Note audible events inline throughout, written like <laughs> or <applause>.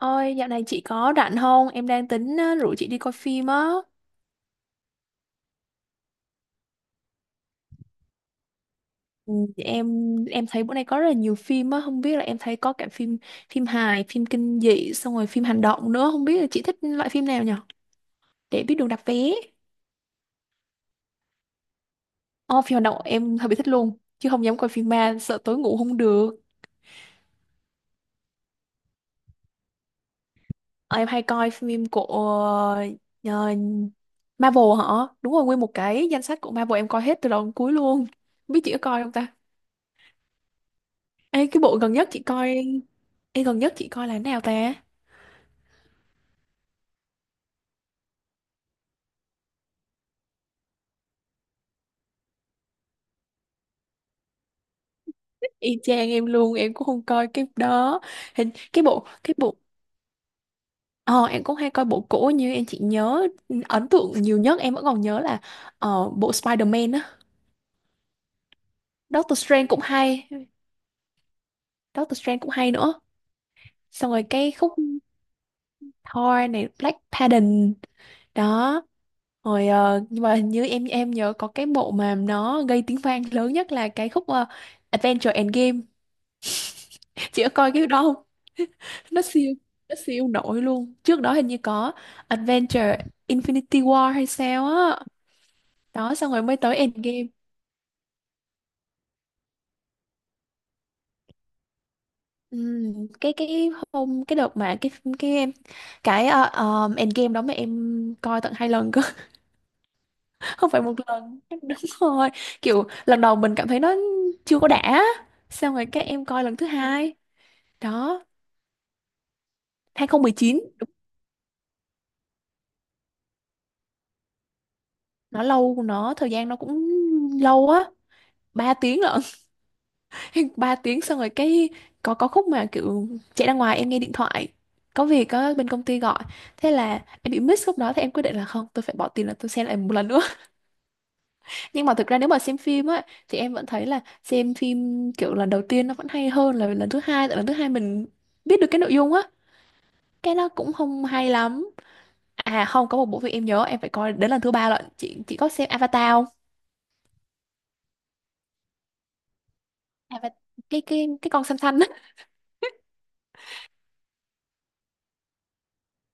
Ôi, dạo này chị có rảnh không? Em đang tính rủ chị đi coi phim á. Ừ, em thấy bữa nay có rất là nhiều phim á, không biết là em thấy có cả phim phim hài, phim kinh dị, xong rồi phim hành động nữa, không biết là chị thích loại phim nào nhở? Để biết đường đặt vé. Ồ, phim hành động em hơi bị thích luôn, chứ không dám coi phim ma, sợ tối ngủ không được. Ờ, Em hay coi phim của ờ, Marvel hả? Đúng rồi, nguyên một cái danh sách của Marvel em coi hết từ đầu đến cuối luôn. Không biết chị có coi không ta? Ê, cái bộ gần nhất chị coi. Ê, gần nhất chị coi là nào ta? Y chang em luôn, em cũng không coi cái đó. Hình cái bộ. Ờ, em cũng hay coi bộ cũ như em chỉ nhớ ấn tượng nhiều nhất em vẫn còn nhớ là bộ Spider-Man á. Doctor Strange cũng hay, Doctor Strange cũng hay nữa. Xong rồi cái khúc Thor này Black Panther đó. Rồi nhưng mà hình như em nhớ có cái bộ mà nó gây tiếng vang lớn nhất là cái khúc Avengers Endgame. <laughs> Chị có coi cái đó không? Nó siêu, nó siêu nổi luôn, trước đó hình như có Adventure Infinity War hay sao á, đó xong rồi mới tới Endgame. Cái hôm cái đợt mà cái em cái Endgame đó mà em coi tận hai lần cơ. <laughs> Không phải một lần. <laughs> Đúng rồi, kiểu lần đầu mình cảm thấy nó chưa có đã, xong rồi các em coi lần thứ hai đó, hai không một chín nó lâu, nó thời gian nó cũng lâu á, 3 tiếng lận. <laughs> Ba tiếng, xong rồi cái có khúc mà kiểu chạy ra ngoài em nghe điện thoại, có việc, có bên công ty gọi, thế là em bị miss khúc đó, thì em quyết định là không, tôi phải bỏ tiền là tôi xem lại một lần nữa. <laughs> Nhưng mà thực ra nếu mà xem phim á thì em vẫn thấy là xem phim kiểu lần đầu tiên nó vẫn hay hơn là lần thứ hai, tại lần thứ hai mình biết được cái nội dung á, cái nó cũng không hay lắm. À không, có một bộ phim em nhớ em phải coi đến lần thứ ba lận, chị có xem Avatar không? Avatar, cái con xanh xanh á.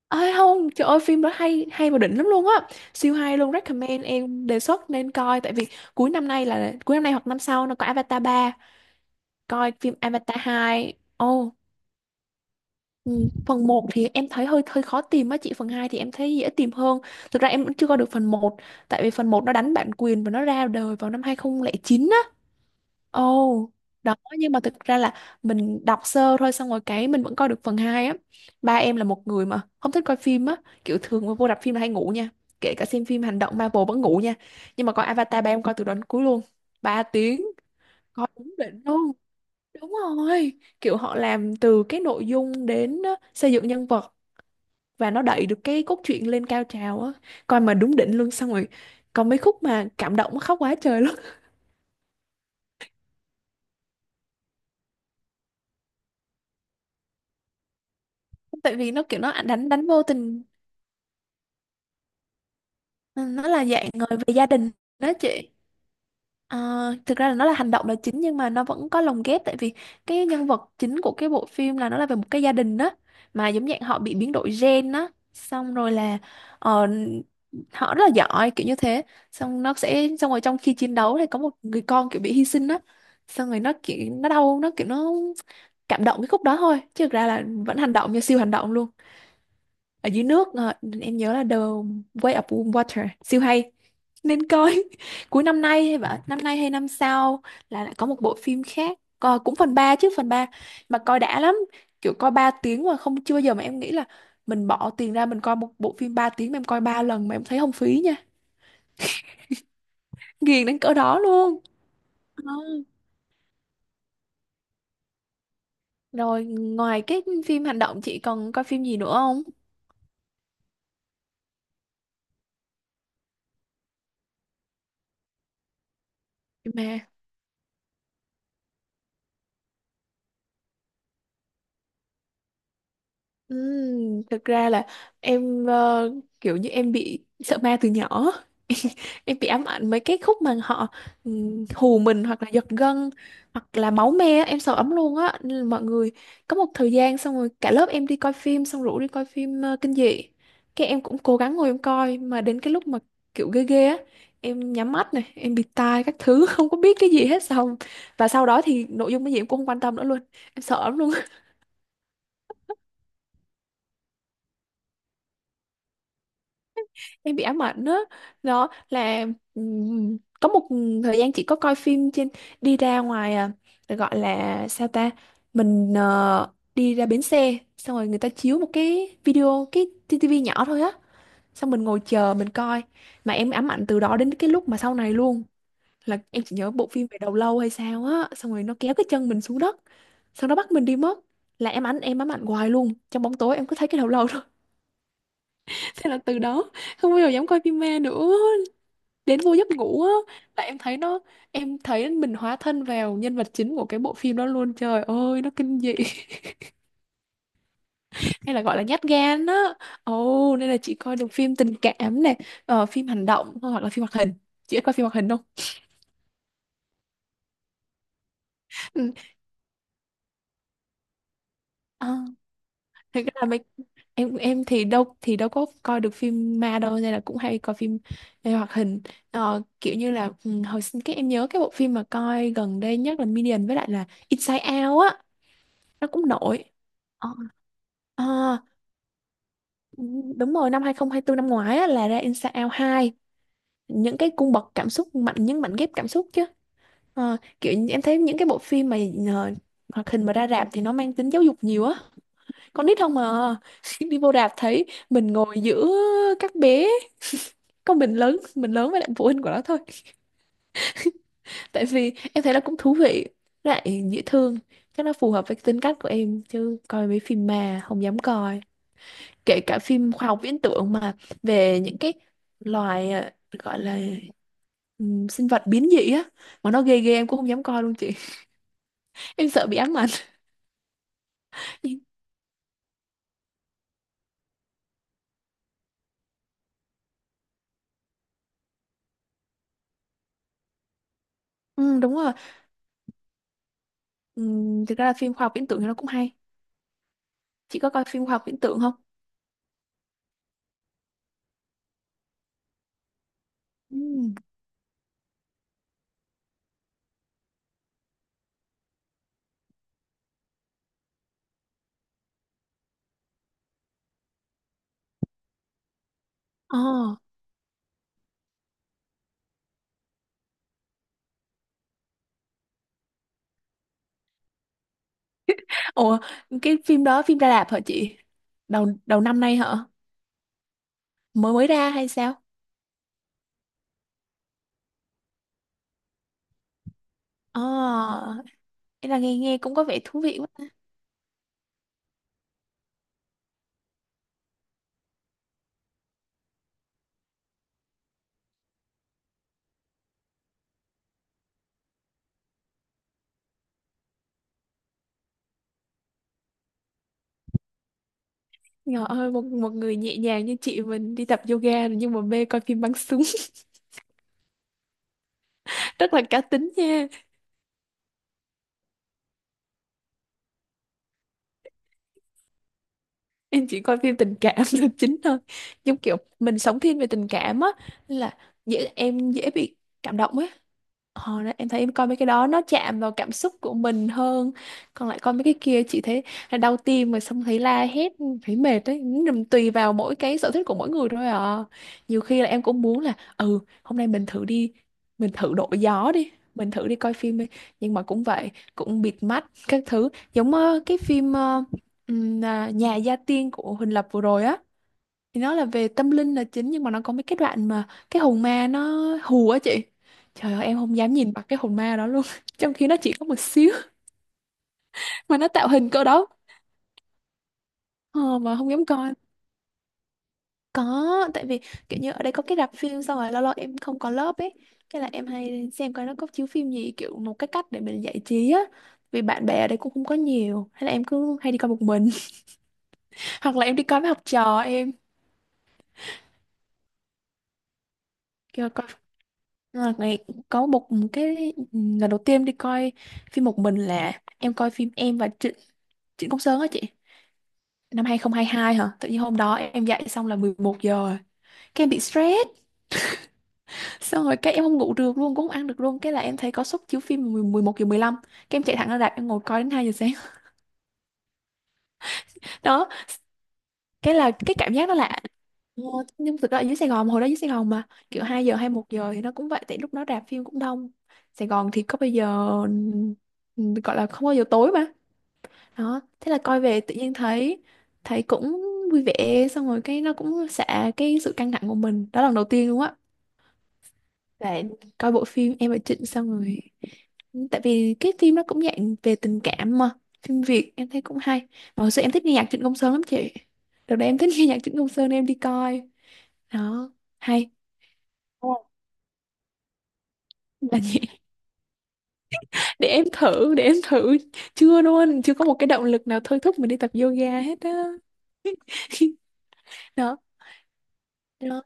Ơi không, trời ơi phim đó hay, hay và đỉnh lắm luôn á. Siêu hay luôn, recommend em đề xuất nên coi tại vì cuối năm nay, là cuối năm nay hoặc năm sau nó có Avatar ba, coi phim Avatar hai. Ồ, ừ, phần một thì em thấy hơi hơi khó tìm á chị, phần 2 thì em thấy dễ tìm hơn. Thực ra em vẫn chưa coi được phần một tại vì phần một nó đánh bản quyền và nó ra đời vào năm 2009. Ồ, đó nhưng mà thực ra là mình đọc sơ thôi xong rồi cái mình vẫn coi được phần 2 á. Ba em là một người mà không thích coi phim á, kiểu thường mà vô rạp phim là hay ngủ nha. Kể cả xem phim hành động Marvel vẫn ngủ nha. Nhưng mà coi Avatar ba em coi từ đầu đến cuối luôn. Ba tiếng, coi đúng đỉnh luôn. Đúng rồi, kiểu họ làm từ cái nội dung đến á, xây dựng nhân vật và nó đẩy được cái cốt truyện lên cao trào á. Coi mà đúng đỉnh luôn, xong rồi còn mấy khúc mà cảm động khóc quá trời luôn. <laughs> Tại vì nó kiểu nó đánh, đánh vô tình. Ừ, nó là dạng người về gia đình đó chị. Ờ, thực ra là nó là hành động là chính, nhưng mà nó vẫn có lồng ghép, tại vì cái nhân vật chính của cái bộ phim là nó là về một cái gia đình đó, mà giống dạng họ bị biến đổi gen đó, xong rồi là ờ, họ rất là giỏi kiểu như thế, xong nó sẽ xong rồi trong khi chiến đấu thì có một người con kiểu bị hy sinh đó, xong rồi nó kiểu nó đau, nó kiểu nó cảm động cái khúc đó thôi, chứ thực ra là vẫn hành động, như siêu hành động luôn, ở dưới nước. Ờ, em nhớ là The Way of Water siêu hay, nên coi. <laughs> Cuối năm nay hay vậy, năm nay hay năm sau là lại có một bộ phim khác. Coi cũng phần ba, chứ phần 3 mà coi đã lắm, kiểu coi 3 tiếng mà không, chưa bao giờ mà em nghĩ là mình bỏ tiền ra mình coi một bộ phim 3 tiếng mà em coi 3 lần mà em thấy không phí nha, nghiền đến cỡ đó luôn. Ờ. Rồi ngoài cái phim hành động chị còn coi phim gì nữa không mà? Thực ra là em kiểu như em bị sợ ma từ nhỏ. <laughs> Em bị ám ảnh mấy cái khúc mà họ hù mình hoặc là giật gân hoặc là máu me á, em sợ lắm luôn á. Nên là mọi người có một thời gian xong rồi cả lớp em đi coi phim, xong rủ đi coi phim kinh dị, cái em cũng cố gắng ngồi em coi mà đến cái lúc mà kiểu ghê ghê á, em nhắm mắt này em bịt tai các thứ. <laughs> Không có biết cái gì hết, xong và sau đó thì nội dung cái gì em cũng không quan tâm nữa luôn, em sợ lắm luôn, em bị ám ảnh á. Đó là có một thời gian chị có coi phim trên, đi ra ngoài à, gọi là sao ta, mình đi ra bến xe xong rồi người ta chiếu một cái video, cái tivi nhỏ thôi á, xong mình ngồi chờ mình coi mà em ám ảnh từ đó đến cái lúc mà sau này luôn, là em chỉ nhớ bộ phim về đầu lâu hay sao á, xong rồi nó kéo cái chân mình xuống đất, xong nó bắt mình đi mất, là em ảnh em ám ảnh hoài luôn, trong bóng tối em cứ thấy cái đầu lâu thôi. <laughs> Thế là từ đó không bao giờ dám coi phim ma nữa, đến vô giấc ngủ á là em thấy nó, em thấy mình hóa thân vào nhân vật chính của cái bộ phim đó luôn, trời ơi nó kinh dị. <laughs> Hay là gọi là nhát gan á, ồ nên là chị coi được phim tình cảm này, phim hành động hoặc là phim hoạt hình, chị có coi phim hoạt hình không? Ừ. À, thực ra là mấy em thì đâu có coi được phim ma đâu, nên là cũng hay coi phim về hoạt hình. Ờ, kiểu như là ừ, hồi sinh cái em nhớ cái bộ phim mà coi gần đây nhất là Minion với lại là Inside Out á, nó cũng nổi. Ờ. Ờ, đúng rồi, năm 2024 năm ngoái á, là ra Inside hai, những cái cung bậc cảm xúc mạnh, những mảnh ghép cảm xúc chứ. Ờ, kiểu như em thấy những cái bộ phim mà ờ, hoạt hình mà ra rạp thì nó mang tính giáo dục nhiều á, con nít không mà. <laughs> Đi vô rạp thấy mình ngồi giữa các bé. <laughs> Có mình lớn, mình lớn với lại phụ huynh của nó thôi, tại vì em thấy nó cũng thú vị, lại dễ thương, chắc nó phù hợp với tính cách của em, chứ coi mấy phim mà không dám coi, kể cả phim khoa học viễn tưởng mà về những cái loài gọi là sinh vật biến dị á, mà nó ghê ghê em cũng không dám coi luôn chị. <laughs> Em sợ bị ám ảnh. <laughs> Ừ, đúng rồi. Thực ra là phim khoa học viễn tưởng thì nó cũng hay, chị có coi phim khoa học viễn tưởng không? Ừm. Ờ. Ủa, cái phim đó phim ra rạp hả chị? Đầu đầu năm nay hả? Mới mới ra hay sao? Ờ, thế là nghe, nghe cũng có vẻ thú vị quá. Trời ơi, một, một người nhẹ nhàng như chị mình đi tập yoga rồi nhưng mà mê coi phim bắn súng. <laughs> Rất là cá tính nha. Em chỉ coi phim tình cảm là chính thôi, giống kiểu mình sống thiên về tình cảm á, là dễ, em dễ bị cảm động á. Ờ, đấy, em thấy em coi mấy cái đó nó chạm vào cảm xúc của mình hơn, còn lại coi mấy cái kia chị thấy là đau tim rồi xong thấy la hét, thấy mệt đấy. Nhưng tùy vào mỗi cái sở thích của mỗi người thôi à, nhiều khi là em cũng muốn là ừ hôm nay mình thử đi, mình thử đổi gió đi, mình thử đi coi phim đi, nhưng mà cũng vậy, cũng bịt mắt các thứ, giống cái phim Nhà gia tiên của Huỳnh Lập vừa rồi á, thì nó là về tâm linh là chính, nhưng mà nó có mấy cái đoạn mà cái hồn ma nó hù á chị, trời ơi em không dám nhìn mặt cái hồn ma đó luôn. <laughs> Trong khi nó chỉ có một xíu. <laughs> Mà nó tạo hình cỡ đó, ờ, mà không dám coi. Có, tại vì kiểu như ở đây có cái rạp phim, xong rồi lâu lâu em không có lớp ấy, cái là em hay xem coi nó có chiếu phim gì, kiểu một cái cách để mình giải trí á, vì bạn bè ở đây cũng không có nhiều, hay là em cứ hay đi coi một mình. <laughs> Hoặc là em đi coi với học trò em, kiểu. Là ngày có một cái lần đầu tiên đi coi phim một mình là em coi phim em và Trịnh, Trịnh Công Sơn á chị, năm hai không hai hai hả, tự nhiên hôm đó em dậy xong là 11 giờ rồi. Cái em bị stress xong rồi cái em không ngủ được luôn, cũng không ăn được luôn, cái là em thấy có suất chiếu phim 10 11 giờ 15, cái em chạy thẳng ra rạp em ngồi coi đến 2 giờ sáng. <laughs> Đó cái là cái cảm giác đó là. Ờ, nhưng thực ra ở dưới Sài Gòn hồi đó, dưới Sài Gòn mà kiểu 2 giờ hay một giờ thì nó cũng vậy, tại lúc đó rạp phim cũng đông, Sài Gòn thì có bây giờ ừ, gọi là không bao giờ tối mà, đó thế là coi về tự nhiên thấy, thấy cũng vui vẻ xong rồi cái nó cũng xả cái sự căng thẳng của mình, đó là lần đầu tiên luôn á. Và coi bộ phim Em và Trịnh xong rồi, tại vì cái phim nó cũng dạng về tình cảm mà, phim Việt em thấy cũng hay, mà hồi xưa em thích nghe nhạc Trịnh Công Sơn lắm chị, đợt đấy em thích nghe nhạc Trịnh Công Sơn nên em đi coi. Đó hay. Ồ. Là <laughs> gì, để em thử, để em thử chưa luôn, chưa có một cái động lực nào thôi thúc mình đi tập yoga hết á. <laughs> Đó. Đó.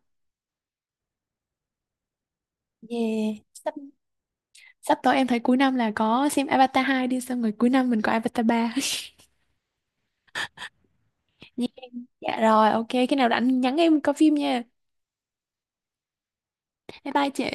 Yeah. Sắp Sắp tới em thấy cuối năm là có xem Avatar 2 đi, xong rồi cuối năm mình có Avatar 3. <laughs> Dạ, dạ rồi, ok, khi nào rảnh nhắn em coi phim nha. Bye bye chị.